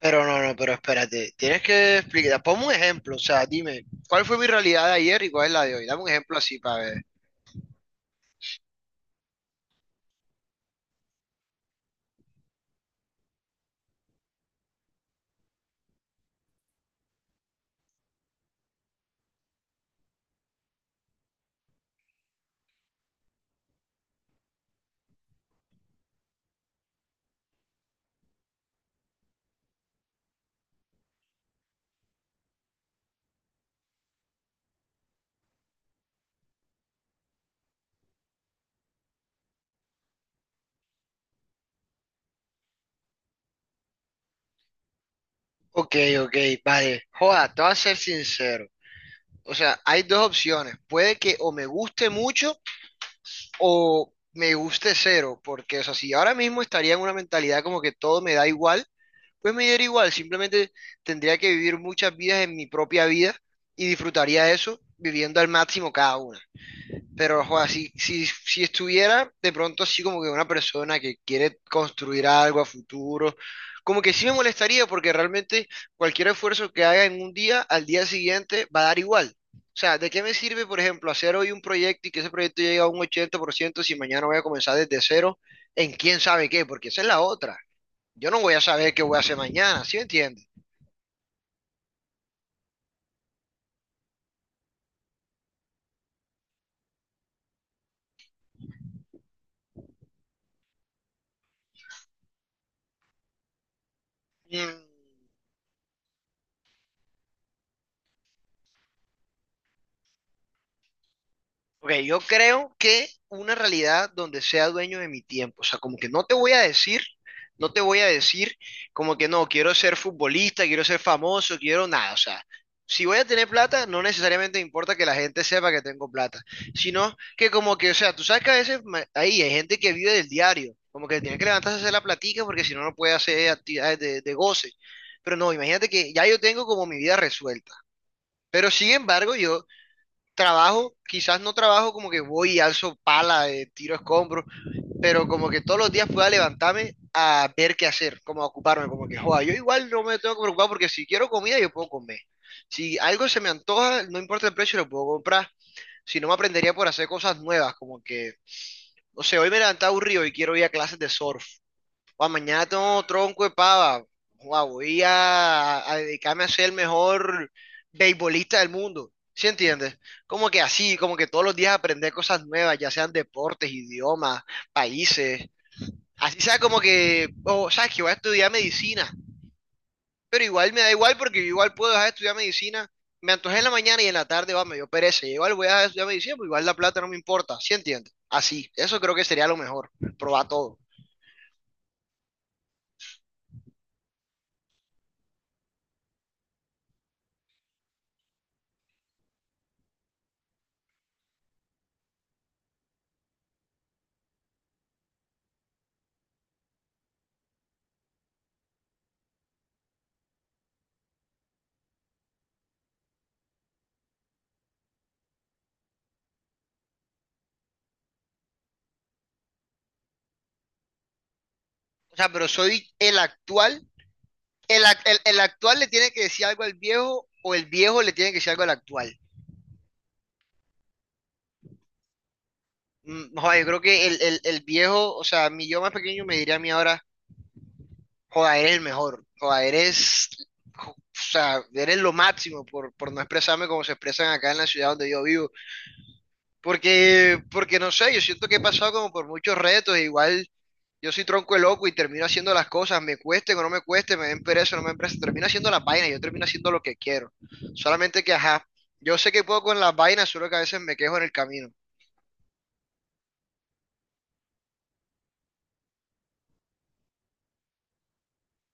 Pero no, no, pero espérate, tienes que explicar, ponme un ejemplo, o sea, dime, ¿cuál fue mi realidad de ayer y cuál es la de hoy? Dame un ejemplo así para ver. Ok, ok, vale. Joda, te voy a ser sincero. O sea, hay dos opciones. Puede que o me guste mucho o me guste cero, porque, o sea, si ahora mismo estaría en una mentalidad como que todo me da igual, pues me diera igual, simplemente tendría que vivir muchas vidas en mi propia vida y disfrutaría eso viviendo al máximo cada una. Pero, joder, si estuviera de pronto así como que una persona que quiere construir algo a futuro, como que sí me molestaría porque realmente cualquier esfuerzo que haga en un día, al día siguiente va a dar igual. O sea, ¿de qué me sirve, por ejemplo, hacer hoy un proyecto y que ese proyecto llegue a un 80% si mañana voy a comenzar desde cero en quién sabe qué? Porque esa es la otra. Yo no voy a saber qué voy a hacer mañana, ¿sí me entiendes? Mm. Ok, yo creo que una realidad donde sea dueño de mi tiempo, o sea, como que no te voy a decir, no te voy a decir como que no, quiero ser futbolista, quiero ser famoso, quiero nada, o sea, si voy a tener plata, no necesariamente me importa que la gente sepa que tengo plata, sino que como que, o sea, tú sabes que a veces ahí hay gente que vive del diario, como que tiene que levantarse a hacer la platica porque si no, no puede hacer actividades de goce, pero no, imagínate que ya yo tengo como mi vida resuelta, pero sin embargo, yo trabajo, quizás no trabajo como que voy y alzo pala, tiro escombros, pero como que todos los días pueda levantarme a ver qué hacer, como a ocuparme, como que, joda, yo igual no me tengo que preocupar porque si quiero comida yo puedo comer. Si algo se me antoja, no importa el precio, lo puedo comprar. Si no, me aprendería por hacer cosas nuevas, como que, no sé, hoy me levanté aburrido y quiero ir a clases de surf. Guau, mañana tengo tronco de pava. Guau, voy a dedicarme a ser el mejor beisbolista del mundo. ¿Sí entiendes? Como que así, como que todos los días aprender cosas nuevas, ya sean deportes, idiomas, países. Así sea como que, o sabes que voy a estudiar medicina. Pero igual me da igual porque yo igual puedo dejar de estudiar medicina. Me antojé en la mañana y en la tarde, va, me dio pereza. Igual voy a dejar de estudiar medicina, pero igual la plata no me importa. ¿Sí entiendes? Así, eso creo que sería lo mejor, probar todo. O sea, pero soy el actual el actual le tiene que decir algo al viejo o el viejo le tiene que decir algo al actual. Joder, yo creo que el viejo, o sea, mi yo más pequeño me diría a mí ahora, joder, eres el mejor, joder, eres, o sea, eres lo máximo por no expresarme como se expresan acá en la ciudad donde yo vivo. Porque, porque no sé, yo siento que he pasado como por muchos retos, e igual yo soy tronco de loco y termino haciendo las cosas, me cueste o no me cueste, me den pereza o no me den pereza, termino haciendo las vainas, yo termino haciendo lo que quiero. Solamente que, ajá, yo sé que puedo con las vainas, solo que a veces me quejo en el camino.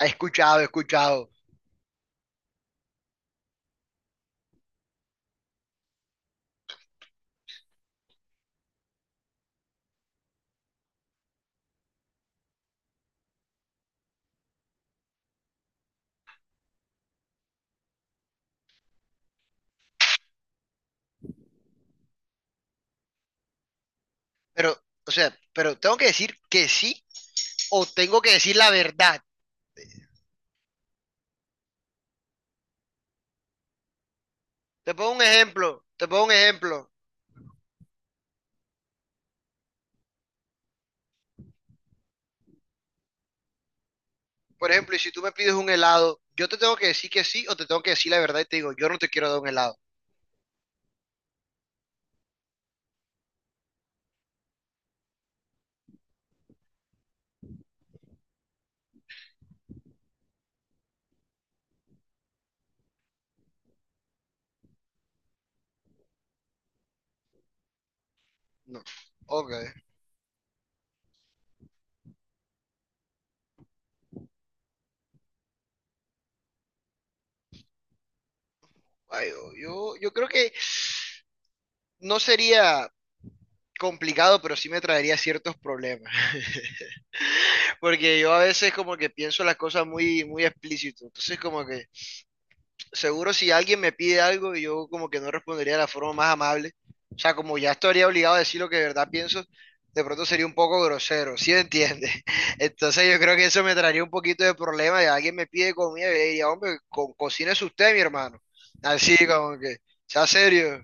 He escuchado, he escuchado. Pero, o sea, pero tengo que decir que sí o tengo que decir la verdad. Te pongo un ejemplo, te pongo un ejemplo. Por ejemplo, y si tú me pides un helado, yo te tengo que decir que sí o te tengo que decir la verdad y te digo, yo no te quiero dar un helado. No. Ok. Ay, yo creo que no sería complicado, pero sí me traería ciertos problemas, porque yo a veces como que pienso las cosas muy, muy explícito, entonces como que seguro si alguien me pide algo, yo como que no respondería de la forma más amable, o sea, como ya estaría obligado a decir lo que de verdad pienso, de pronto sería un poco grosero, ¿sí me entiendes? Entonces yo creo que eso me traería un poquito de problema, y alguien me pide comida, yo le diría, hombre, co cocínese usted, mi hermano, así como que, sea serio.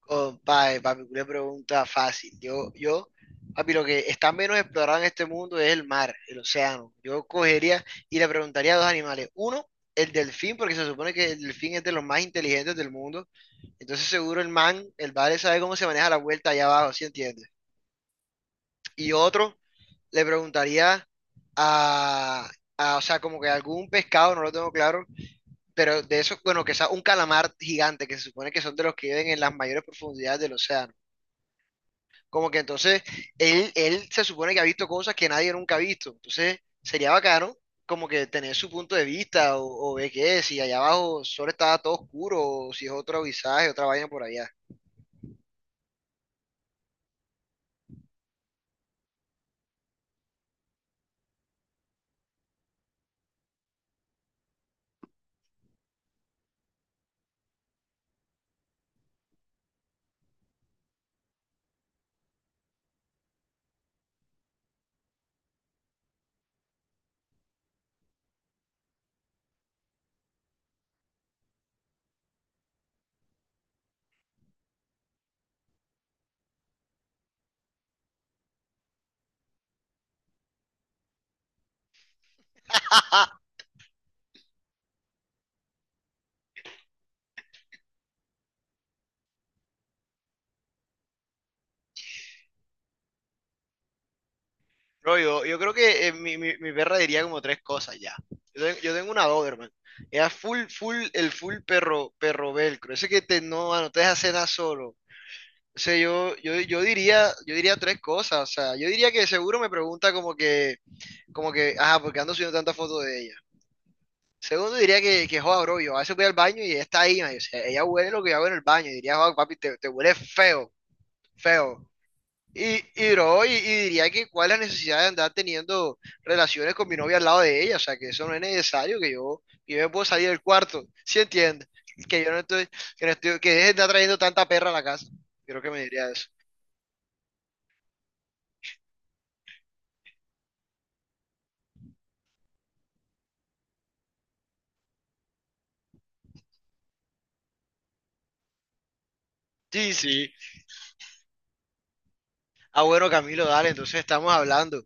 Compadre, papi, una pregunta fácil. Papi, lo que está menos explorado en este mundo es el mar, el océano. Yo cogería y le preguntaría a dos animales. Uno, el delfín, porque se supone que el delfín es de los más inteligentes del mundo. Entonces seguro el man, el vale sabe cómo se maneja la vuelta allá abajo, ¿sí entiendes? Y otro, le preguntaría a, o sea, como que algún pescado, no lo tengo claro, pero de esos, bueno, que sea un calamar gigante, que se supone que son de los que viven en las mayores profundidades del océano. Como que entonces él se supone que ha visto cosas que nadie nunca ha visto. Entonces sería bacano como que tener su punto de vista o ver qué es, si allá abajo solo estaba todo oscuro o si es otro visaje, otra vaina por allá. Bro, yo creo que mi perra diría como tres cosas ya. Yo, yo tengo una Doberman. Ella es full, full, el full perro, perro velcro. Ese que te, no, no te deja hacer nada solo. O sea, yo diría tres cosas. O sea, yo diría que seguro me pregunta como que, ajá, porque ando subiendo tantas fotos de ella. Segundo, diría que joda, bro, yo a veces voy al baño y ella está ahí, man, o sea, ella huele lo que yo hago en el baño, y diría, joda, papi, te huele feo, feo. Y, y diría que cuál es la necesidad de andar teniendo relaciones con mi novia al lado de ella, o sea, que eso no es necesario, que yo me puedo salir del cuarto, ¿sí entiendes? Que yo no estoy, que no estoy, que deje de estar trayendo tanta perra a la casa. Creo que me diría eso. Sí, sí. Ah, bueno, Camilo, dale, entonces estamos hablando.